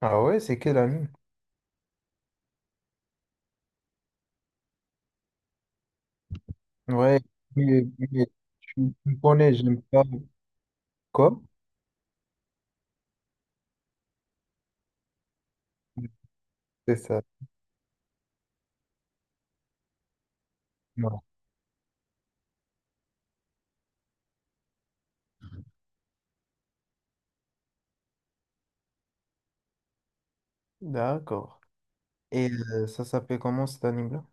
Ah ouais, c'est quel ami? Ouais, mais, mais tu me connais, j'aime pas. Quoi? C'est ça. Non. D'accord. Et ça s'appelle comment cet anime-là?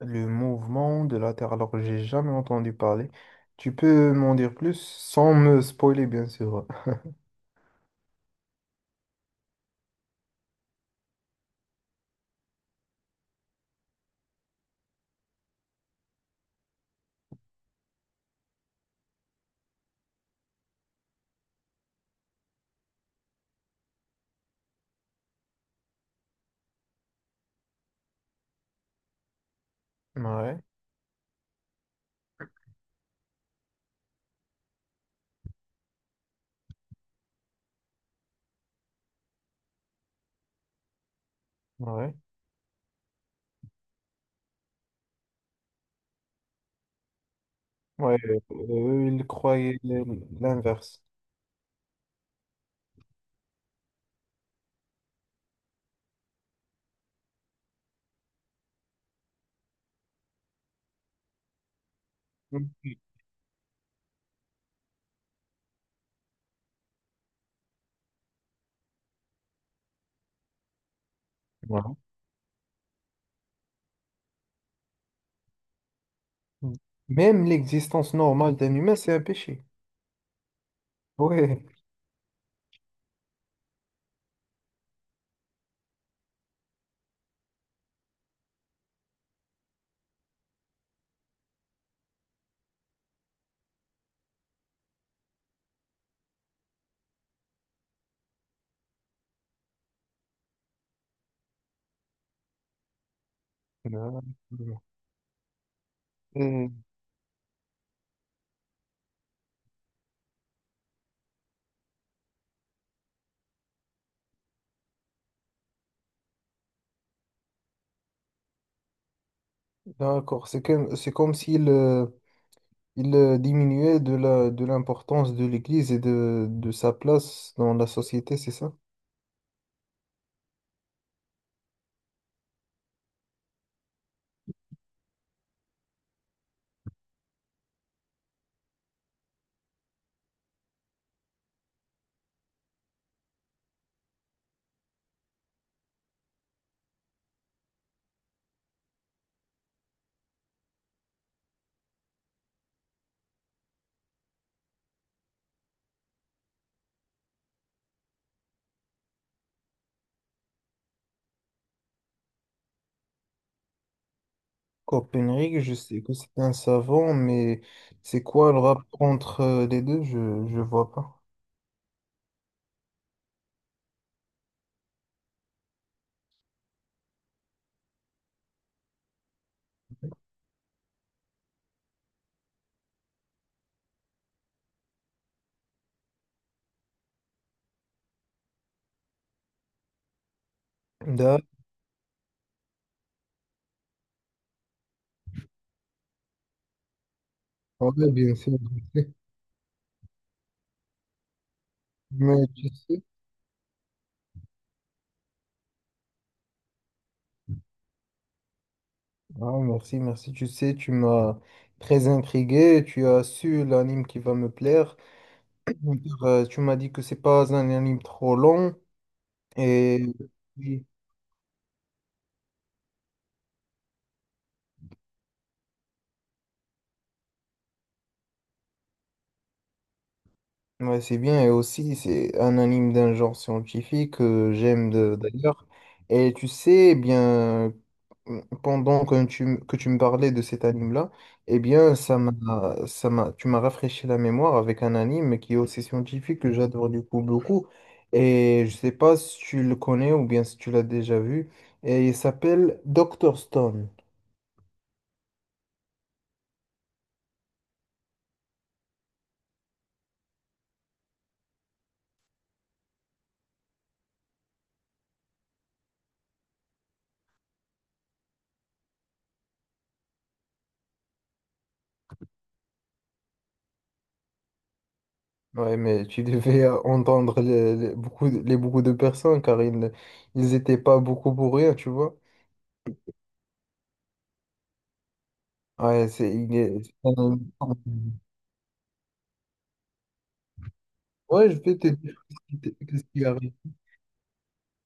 Le mouvement de la Terre. Alors, j'ai jamais entendu parler. Tu peux m'en dire plus sans me spoiler, bien sûr. Ouais, ouais. Ouais, eux, ils croyaient l'inverse. Mm. Ouais. Mm. Même l'existence normale d'un humain, c'est un péché. Ouais. Non, non, non. D'accord, c'est comme s'il il diminuait de l'importance de l'Église et de sa place dans la société, c'est ça? Copernic, je sais que c'est un savant, mais c'est quoi le rapport entre les deux? Je ne vois pas. D'accord, ouais, bien sûr. Je sais. Mais tu sais, ah, merci, merci. Tu sais, tu m'as très intrigué, tu as su l'anime qui va me plaire. Tu m'as dit que c'est pas un anime trop long et. Oui, ouais, c'est bien, et aussi c'est un anime d'un genre scientifique que j'aime d'ailleurs. Et tu sais, eh bien, pendant que tu me parlais de cet anime-là, eh bien, tu m'as rafraîchi la mémoire avec un anime qui est aussi scientifique que j'adore du coup beaucoup. Et je sais pas si tu le connais ou bien si tu l'as déjà vu. Et il s'appelle Doctor Stone. Ouais, mais tu devais entendre les beaucoup de personnes car ils étaient pas beaucoup pour rien, tu vois. Ouais, c'est. Euh, Ouais, je vais te dire ce qui qu'est-ce qui arrive.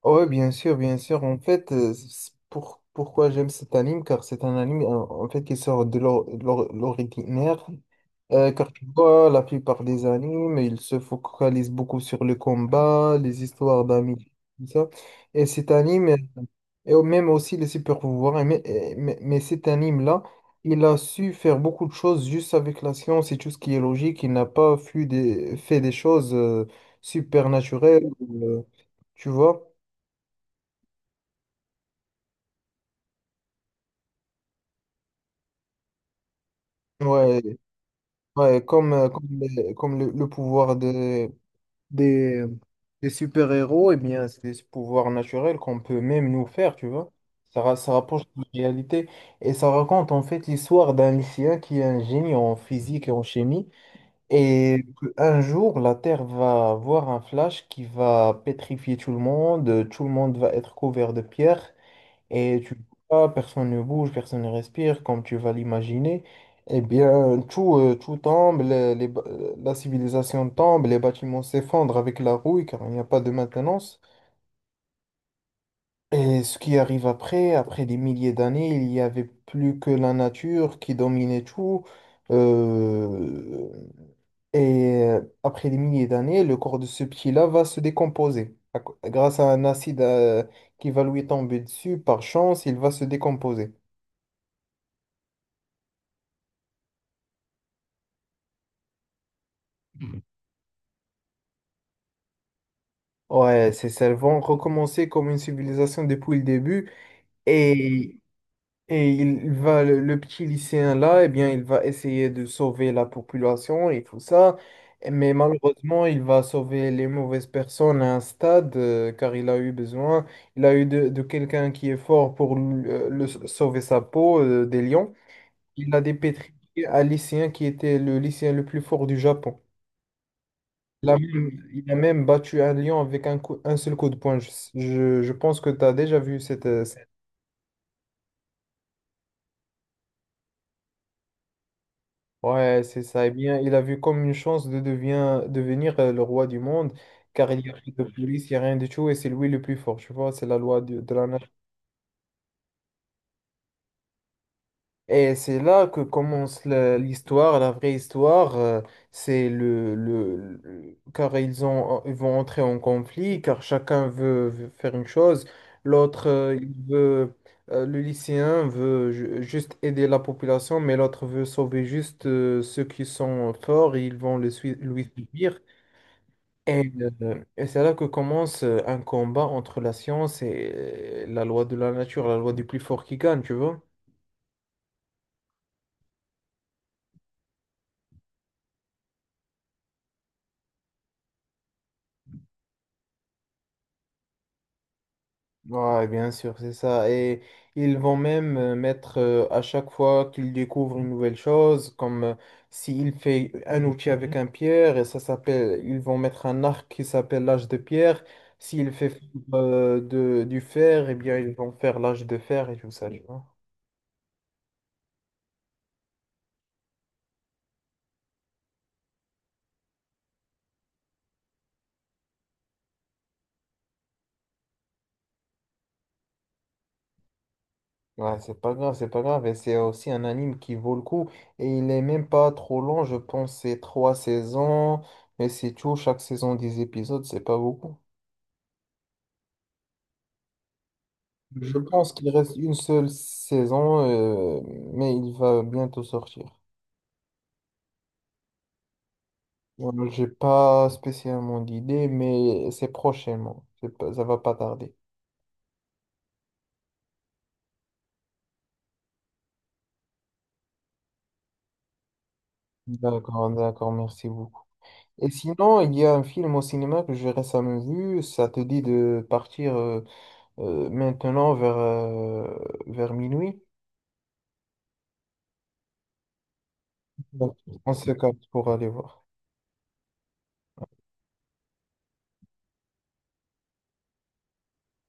Ouais, bien sûr, bien sûr. En fait, pourquoi j'aime cet anime, car c'est un anime en fait qui sort de l'ordinaire. Car tu vois, la plupart des animes, ils se focalisent beaucoup sur le combat, les histoires d'amis, tout ça. Et cet anime. Et même aussi les super pouvoirs. Mais cet anime-là, il a su faire beaucoup de choses juste avec la science et tout ce qui est logique. Il n'a pas fait des choses supernaturelles, euh, tu vois? Ouais, ouais, comme le pouvoir des, des super-héros, eh bien, c'est des pouvoirs naturels qu'on peut même nous faire, tu vois? Ça rapproche de la réalité et ça raconte en fait l'histoire d'un lycéen qui est un génie en physique et en chimie. Et un jour, la Terre va voir un flash qui va pétrifier tout le monde va être couvert de pierres, et tu vois, personne ne bouge, personne ne respire, comme tu vas l'imaginer. Eh bien, tout tombe, la civilisation tombe, les bâtiments s'effondrent avec la rouille, car il n'y a pas de maintenance. Et ce qui arrive après, après des milliers d'années, il n'y avait plus que la nature qui dominait tout. Euh, et après des milliers d'années, le corps de ce petit-là va se décomposer. Grâce à un acide qui va lui tomber dessus, par chance, il va se décomposer. Ouais, c'est ça, elles vont recommencer comme une civilisation depuis le début. Mhm. Et le petit lycéen là, eh bien, il va essayer de sauver la population et tout ça. Mais malheureusement, il va sauver les mauvaises personnes à un stade, car il a eu besoin, il a eu de quelqu'un qui est fort pour sauver sa peau, des lions. Il a dépétriqué un lycéen qui était le lycéen le plus fort du Japon. Il a même battu un lion avec un seul coup de poing. Je pense que tu as déjà vu cette scène. Ouais, c'est ça. Eh bien, il a vu comme une chance de devenir le roi du monde, car il n'y a rien de police, il n'y a rien de tout, et c'est lui le plus fort, tu vois, c'est la loi de la nature. Et c'est là que commence l'histoire, la vraie histoire, c'est le- car ils vont entrer en conflit, car chacun veut faire une chose, l'autre, le lycéen veut juste aider la population, mais l'autre veut sauver juste ceux qui sont forts, et ils vont lui suivre. Et, et c'est là que commence un combat entre la science et la loi de la nature, la loi du plus fort qui gagne, tu vois? Ouais, bien sûr, c'est ça. Et ils vont même mettre à chaque fois qu'ils découvrent une nouvelle chose, comme s'il fait un outil avec un pierre, et ça s'appelle, ils vont mettre un arc qui s'appelle l'âge de pierre. S'il fait du fer, eh bien, ils vont faire l'âge de fer et tout ça, tu vois? Ouais, c'est pas grave, c'est pas grave. Et c'est aussi un anime qui vaut le coup. Et il est même pas trop long, je pense, c'est trois saisons. Mais c'est tout, chaque saison 10 épisodes, c'est pas beaucoup. Je, mhm, pense qu'il reste une seule saison, mais il va bientôt sortir. Ouais, j'ai pas spécialement d'idée, mais c'est prochainement. C'est pas- Ça va pas tarder. D'accord, d'accord, merci beaucoup. Et sinon, il y a un film au cinéma que j'ai récemment vu. Ça te dit de partir maintenant vers minuit. Donc, on se capte pour aller voir.